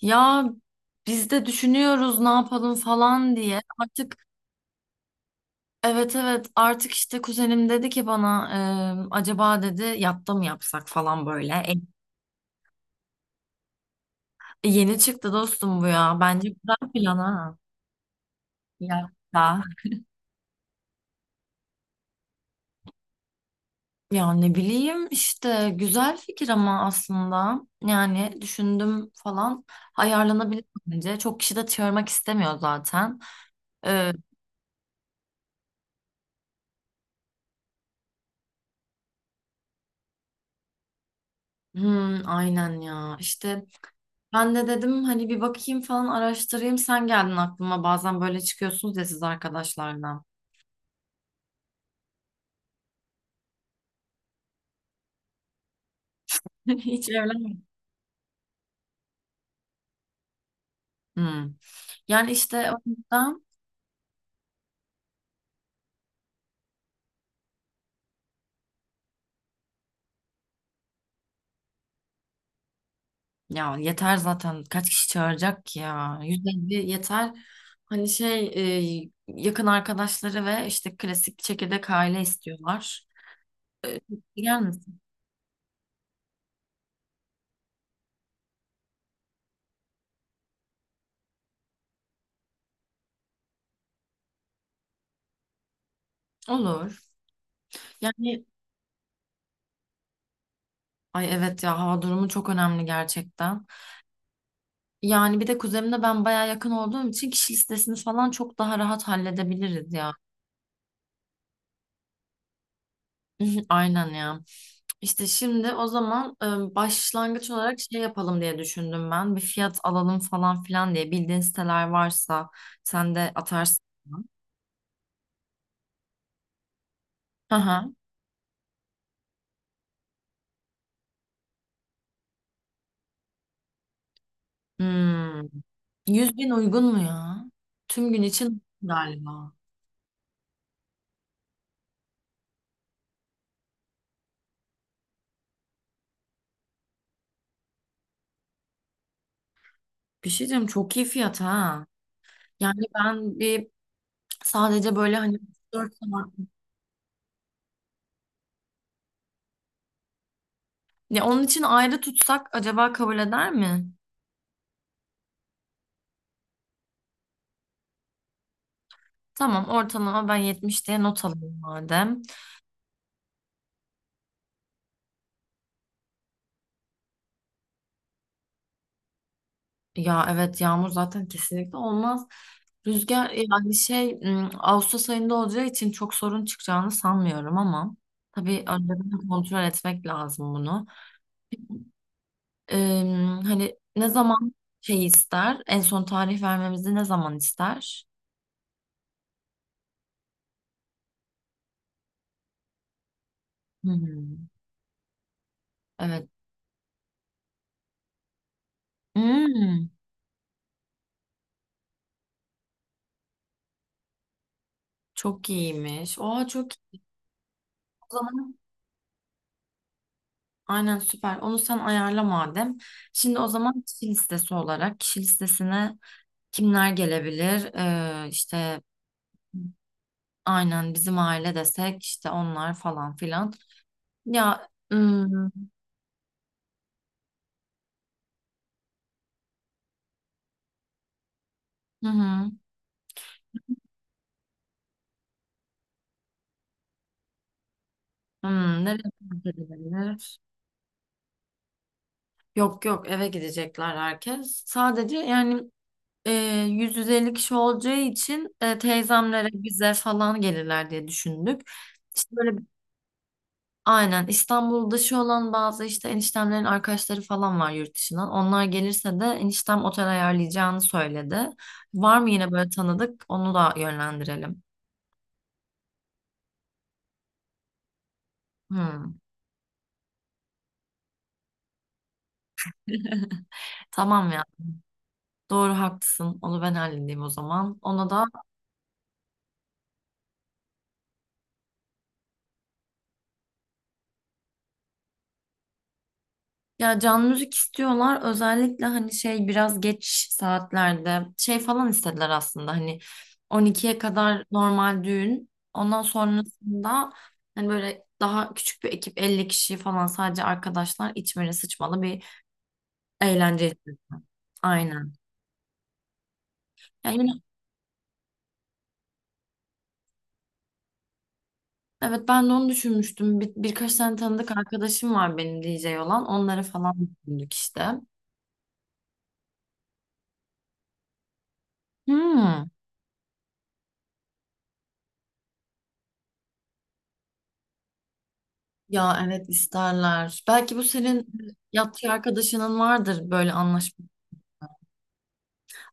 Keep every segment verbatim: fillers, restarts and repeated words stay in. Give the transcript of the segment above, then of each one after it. Ya biz de düşünüyoruz ne yapalım falan diye. Artık evet evet artık işte kuzenim dedi ki bana e, acaba dedi yatta mı yapsak falan böyle. E, e, yeni çıktı dostum bu ya. Bence güzel plan ha. Yatta. Ya ne bileyim işte güzel fikir ama aslında yani düşündüm falan ayarlanabilir bence. Çok kişi de çağırmak istemiyor zaten. E, hmm, aynen ya işte ben de dedim hani bir bakayım falan araştırayım. Sen geldin aklıma. Bazen böyle çıkıyorsunuz ya siz arkadaşlarla. Hiç evlenmedim. Hmm. Yani işte o yüzden ya yeter zaten kaç kişi çağıracak ki ya. yüz elli yeter. Hani şey e, yakın arkadaşları ve işte klasik çekirdek aile istiyorlar. Gelir misin? Olur. Yani ay evet ya hava durumu çok önemli gerçekten. Yani bir de kuzenimle ben baya yakın olduğum için kişi listesini falan çok daha rahat halledebiliriz ya. Aynen ya. İşte şimdi o zaman e, başlangıç olarak şey yapalım diye düşündüm ben. Bir fiyat alalım falan filan diye. Bildiğin siteler varsa sen de atarsın. Hı hı. Hmm. yüz bin uygun mu ya? Tüm gün için galiba. Bir şey diyeyim çok iyi fiyat ha. Yani ben bir sadece böyle hani dört saat. Ya onun için ayrı tutsak acaba kabul eder mi? Tamam ortalama ben yetmiş diye not alayım madem. Ya evet yağmur zaten kesinlikle olmaz. Rüzgar yani şey ım, Ağustos ayında olacağı için çok sorun çıkacağını sanmıyorum ama tabii önceden kontrol etmek lazım bunu. Im, hani ne zaman şey ister? En son tarih vermemizi ne zaman ister? Hmm, evet. Hmm, Çok iyiymiş. Oha çok iyi. O zaman aynen süper. Onu sen ayarla madem. Şimdi o zaman kişi listesi olarak kişi listesine kimler gelebilir? Ee, işte aynen bizim aile desek işte onlar falan filan. Ya hmm, hı hı, hmm, nereye gidebilir? Yok yok eve gidecekler herkes. Sadece yani e, yüz yüz elli kişi olacağı için e, teyzemlere bize falan gelirler diye düşündük. İşte böyle aynen İstanbul dışı olan bazı işte eniştemlerin arkadaşları falan var yurt dışından. Onlar gelirse de eniştem otel ayarlayacağını söyledi. Var mı yine böyle tanıdık? Onu da yönlendirelim. Hmm. Tamam ya. Doğru haklısın. Onu ben halledeyim o zaman. Ona da ya, canlı müzik istiyorlar. Özellikle hani şey biraz geç saatlerde şey falan istediler aslında. Hani on ikiye kadar normal düğün. Ondan sonrasında hani böyle daha küçük bir ekip elli kişi falan sadece arkadaşlar içmeli sıçmalı bir eğlence istiyorlar. Aynen. Yani yine- evet ben de onu düşünmüştüm. Bir, birkaç tane tanıdık arkadaşım var benim D J olan. Onları falan düşündük işte. Hmm. Ya evet isterler. Belki bu senin yatçı arkadaşının vardır böyle anlaşma.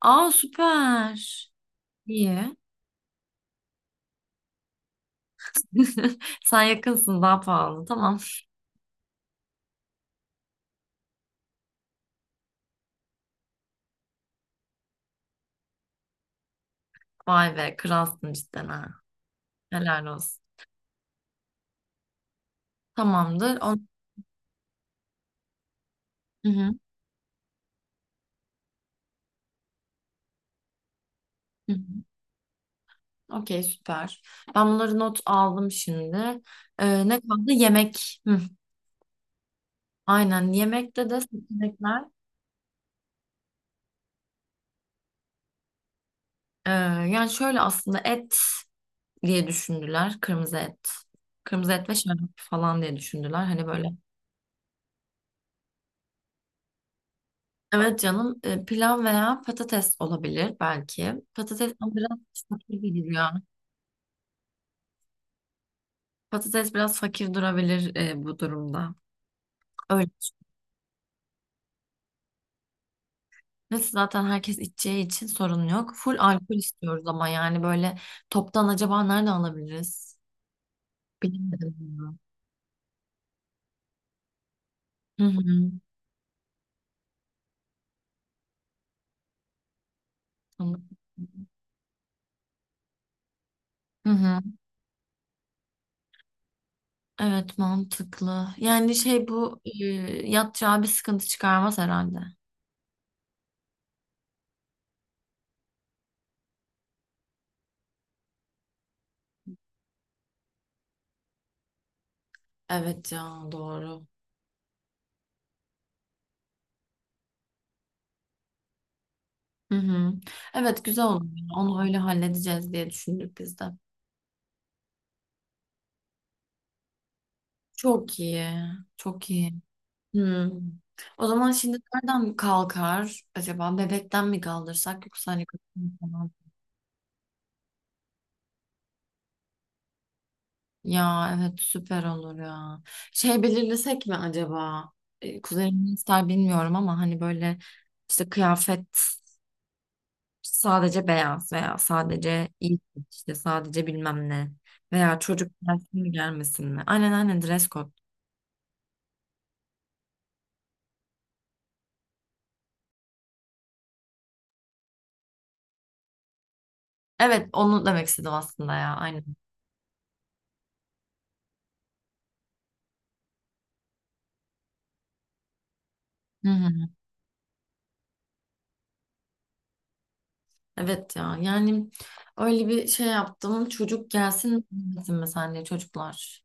Aa süper. İyi. Sen yakınsın daha pahalı. Tamam. Vay be kralsın cidden ha. Helal olsun. Tamamdır. On... Hı hı. Hı hı. Okey süper. Ben bunları not aldım şimdi. Ee, ne kaldı? Yemek. Hı. Aynen yemekte de seçenekler. Ee, Yani şöyle aslında et diye düşündüler. Kırmızı et. Kırmızı et ve şarap falan diye düşündüler. Hani böyle. Evet canım e, pilav veya patates olabilir belki. Patates ama biraz fakir gibi ya. Patates biraz fakir durabilir e, bu durumda. Öyle. Neyse zaten herkes içeceği için sorun yok. Full alkol istiyoruz ama yani böyle toptan acaba nerede alabiliriz? Bilmiyorum. Ya. Hı hı. Tamam. Hı hı. Evet mantıklı. Yani şey bu e, yatacağı bir sıkıntı çıkarmaz herhalde. Evet ya doğru. Hı hı. Evet güzel olur. Onu öyle halledeceğiz diye düşündük biz de. Çok iyi. Çok iyi. Hı. O zaman şimdi nereden kalkar acaba? Bebekten mi kaldırsak yoksa hani kadın falan. Ya evet süper olur ya. Şey belirlesek mi acaba? E, Kuzenim ne ister bilmiyorum ama hani böyle işte kıyafet. Sadece beyaz veya sadece iyi işte sadece bilmem ne veya çocuk gelsin mi gelmesin mi? Aynen aynen dress code. Evet onu demek istedim aslında ya aynen. Hı hı. Evet ya yani öyle bir şey yaptım çocuk gelsin mi gelmesin mi sence çocuklar?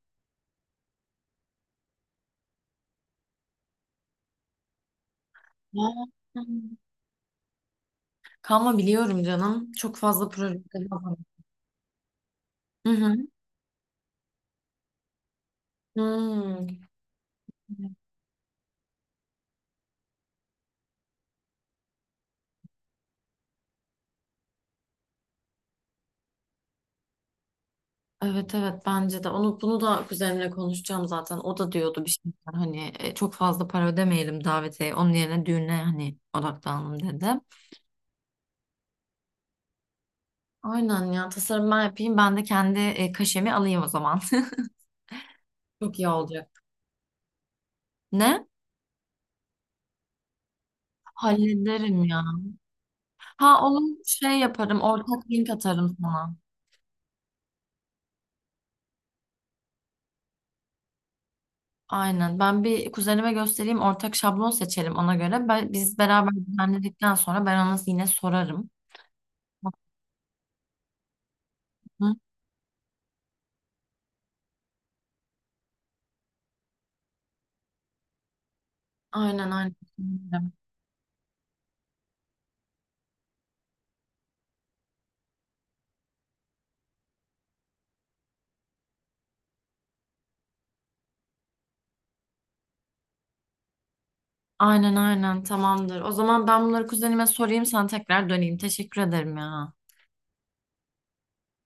Ya. Kalma biliyorum canım çok fazla proje. Hı hı. Hmm. Evet evet bence de onu bunu da kuzenimle konuşacağım zaten o da diyordu bir şeyler hani e, çok fazla para ödemeyelim davete onun yerine düğüne hani odaklanalım dedi. Aynen ya tasarım ben yapayım ben de kendi e, kaşemi alayım o zaman. Çok iyi olacak. Ne? Hallederim ya. Ha onu şey yaparım ortak link atarım sana. Aynen ben bir kuzenime göstereyim ortak şablon seçelim ona göre. Ben, biz beraber düzenledikten sonra ben ona yine sorarım. Hı? Aynen aynen. Aynen aynen tamamdır. O zaman ben bunları kuzenime sorayım sana tekrar döneyim. Teşekkür ederim ya.